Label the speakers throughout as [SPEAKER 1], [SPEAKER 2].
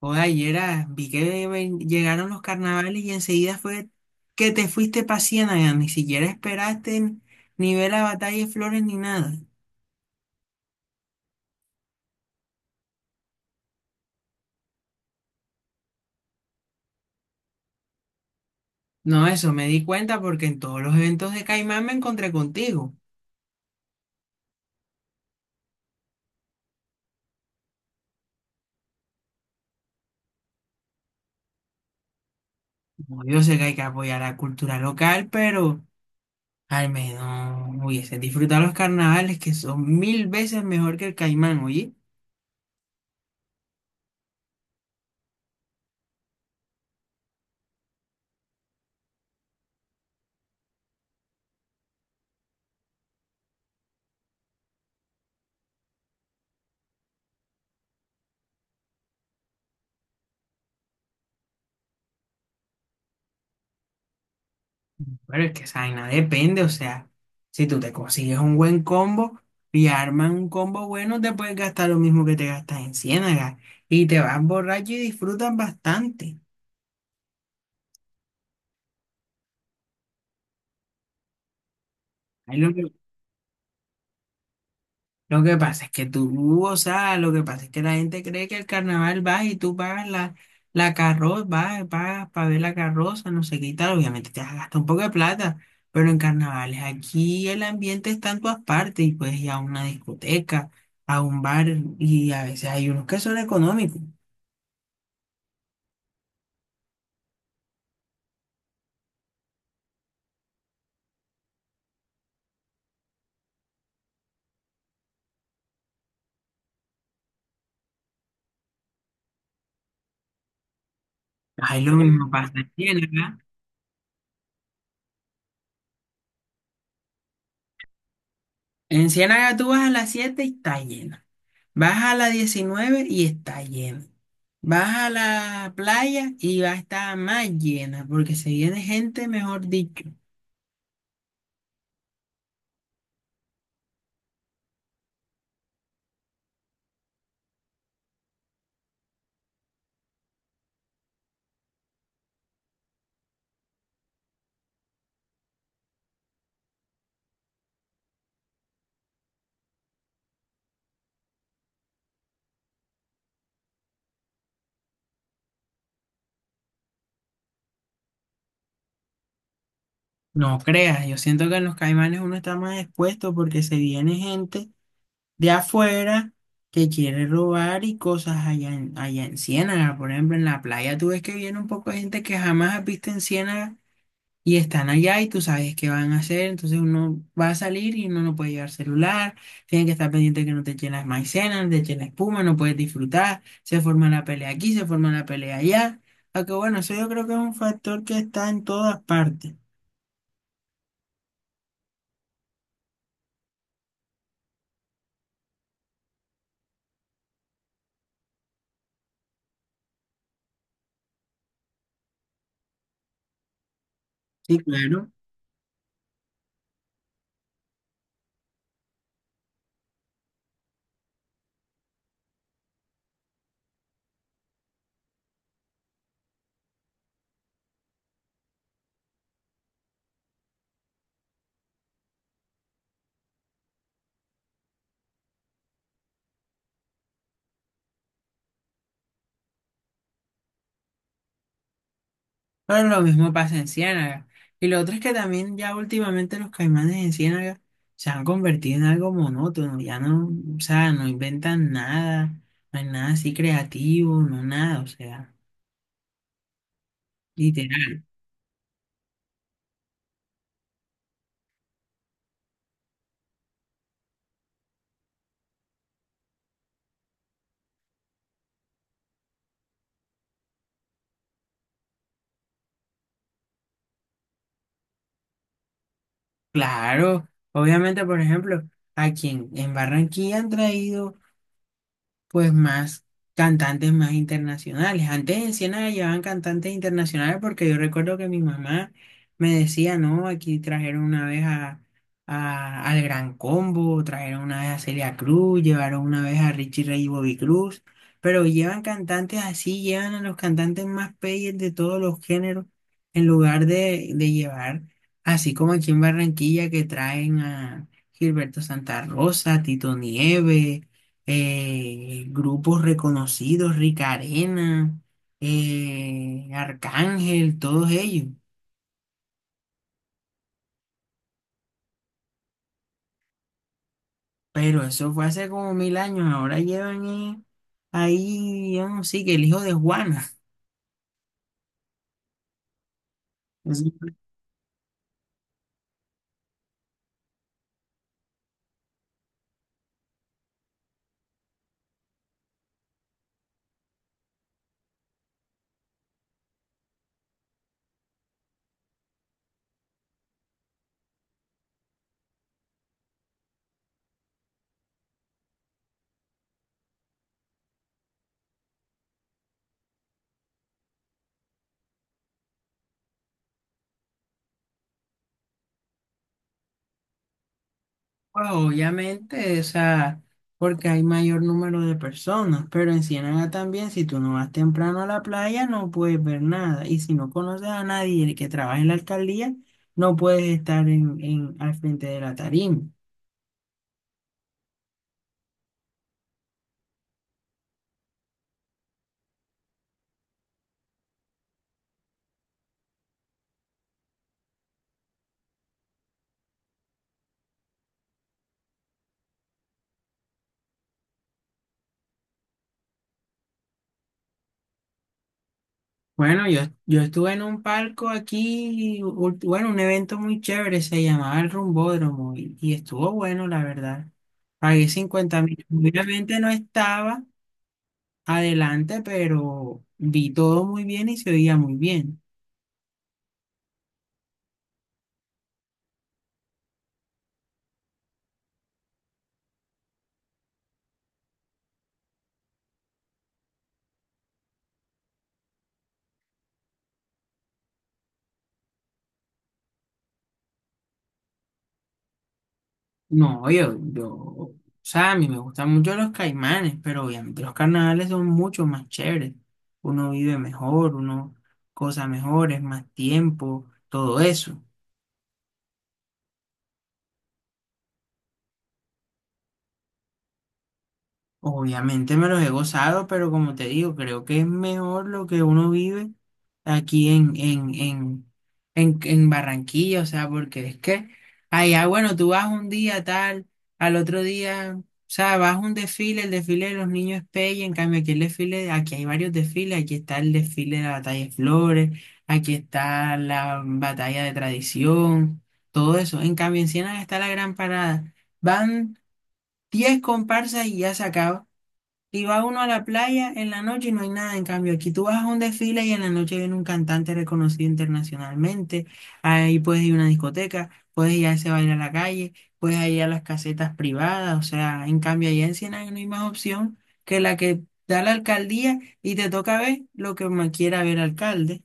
[SPEAKER 1] Joder, ayer llegaron los carnavales y enseguida fue que te fuiste para Ciénaga, ni siquiera esperaste ni ver la batalla de flores ni nada. No, eso me di cuenta porque en todos los eventos de Caimán me encontré contigo. Como yo sé que hay que apoyar la cultura local, pero al menos hubiese disfrutado los carnavales, que son mil veces mejor que el Caimán, oye. Pero es que esa vaina depende, o sea, si tú te consigues un buen combo y armas un combo bueno, te puedes gastar lo mismo que te gastas en Ciénaga y te vas borracho y disfrutas bastante. Lo que pasa es que tú, o sea, lo que pasa es que la gente cree que el carnaval va y tú pagas la carroza, vas, pagas para ver la carroza, no sé qué y tal. Obviamente te vas a gastar un poco de plata, pero en carnavales aquí el ambiente está en todas partes y puedes ir a una discoteca, a un bar, y a veces hay unos que son económicos. Ahí lo mismo pasa en Ciénaga. En Ciénaga tú vas a las 7 y está llena. Vas a las 19 y está llena. Vas a la playa y va a estar más llena porque se viene gente, mejor dicho. No creas, yo siento que en los Caimanes uno está más expuesto porque se viene gente de afuera que quiere robar y cosas allá en Ciénaga. Por ejemplo, en la playa tú ves que viene un poco de gente que jamás has visto en Ciénaga y están allá y tú sabes qué van a hacer, entonces uno va a salir y uno no puede llevar celular, tienen que estar pendiente que no te echen las maicenas, no te echen la espuma, no puedes disfrutar, se forma la pelea aquí, se forma la pelea allá. Aunque bueno, eso yo creo que es un factor que está en todas partes, sí, claro, pero lo mismo pasa en Ciénaga. Y lo otro es que también ya últimamente los caimanes en Ciénaga se han convertido en algo monótono, ya no, o sea, no inventan nada, no hay nada así creativo, no nada, o sea, literal. Claro, obviamente, por ejemplo, a quien en Barranquilla han traído pues más cantantes, más internacionales. Antes en Siena llevaban cantantes internacionales, porque yo recuerdo que mi mamá me decía, no, aquí trajeron una vez al Gran Combo, trajeron una vez a Celia Cruz, llevaron una vez a Richie Ray y Bobby Cruz, pero llevan cantantes así, llevan a los cantantes más peyes de todos los géneros en lugar de llevar, así como aquí en Barranquilla, que traen a Gilberto Santa Rosa, Tito Nieves, grupos reconocidos, Rica Arena, Arcángel, todos ellos. Pero eso fue hace como mil años, ahora llevan, ahí, yo no sé, que el hijo de Juana. Eso fue, pues, obviamente, o sea, porque hay mayor número de personas, pero en Ciénaga también, si tú no vas temprano a la playa, no puedes ver nada. Y si no conoces a nadie que trabaja en la alcaldía, no puedes estar al frente de la tarima. Bueno, yo estuve en un palco aquí, bueno, un evento muy chévere, se llamaba el Rumbódromo, y estuvo bueno, la verdad. Pagué 50,000. Obviamente no estaba adelante, pero vi todo muy bien y se oía muy bien. No, o sea, a mí me gustan mucho los caimanes, pero obviamente los carnavales son mucho más chéveres. Uno vive mejor, uno, cosas mejores, más tiempo, todo eso. Obviamente me los he gozado, pero como te digo, creo que es mejor lo que uno vive aquí en Barranquilla, o sea, porque es que allá, bueno, tú vas un día tal, al otro día, o sea, vas a un desfile, el desfile de los niños es pelle, en cambio aquí el desfile, aquí hay varios desfiles, aquí está el desfile de la batalla de Flores, aquí está la batalla de tradición, todo eso. En cambio en Siena está la gran parada. Van 10 comparsas y ya se acaba. Y va uno a la playa en la noche y no hay nada. En cambio, aquí tú vas a un desfile y en la noche viene un cantante reconocido internacionalmente. Ahí puedes ir a una discoteca, puedes ir a ese baile a la calle, puedes ir a las casetas privadas. O sea, en cambio, allá en Siena no hay más opción que la que da la alcaldía y te toca ver lo que me quiera ver alcalde.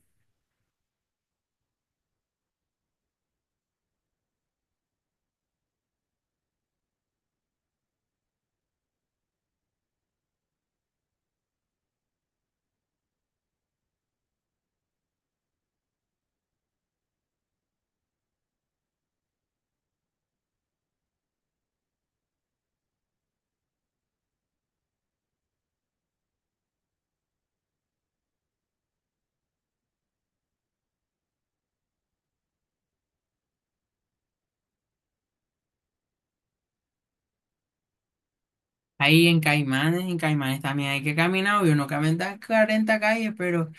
[SPEAKER 1] Ahí en Caimanes también hay que caminar, obvio, no caminar 40 calles, pero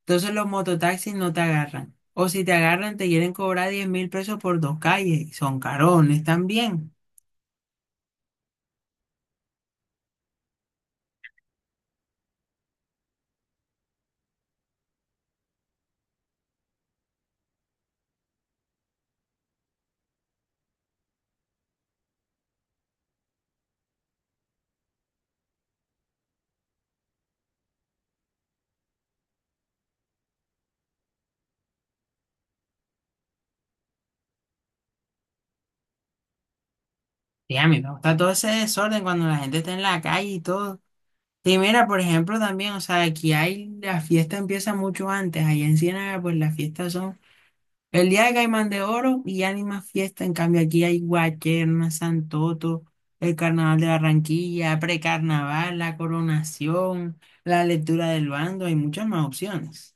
[SPEAKER 1] entonces los mototaxis no te agarran. O si te agarran, te quieren cobrar $10,000 por dos calles. Y son carones también. Y a mí me gusta todo ese desorden cuando la gente está en la calle y todo. Y mira, por ejemplo, también, o sea, aquí hay, la fiesta empieza mucho antes. Allá en Ciénaga, pues las fiestas son el día de Caimán de Oro y ya ni más fiesta. En cambio, aquí hay Guacherna, Santoto, el Carnaval de Barranquilla, precarnaval, la coronación, la lectura del bando. Hay muchas más opciones.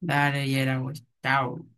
[SPEAKER 1] Dale, Yera, güey. Chao.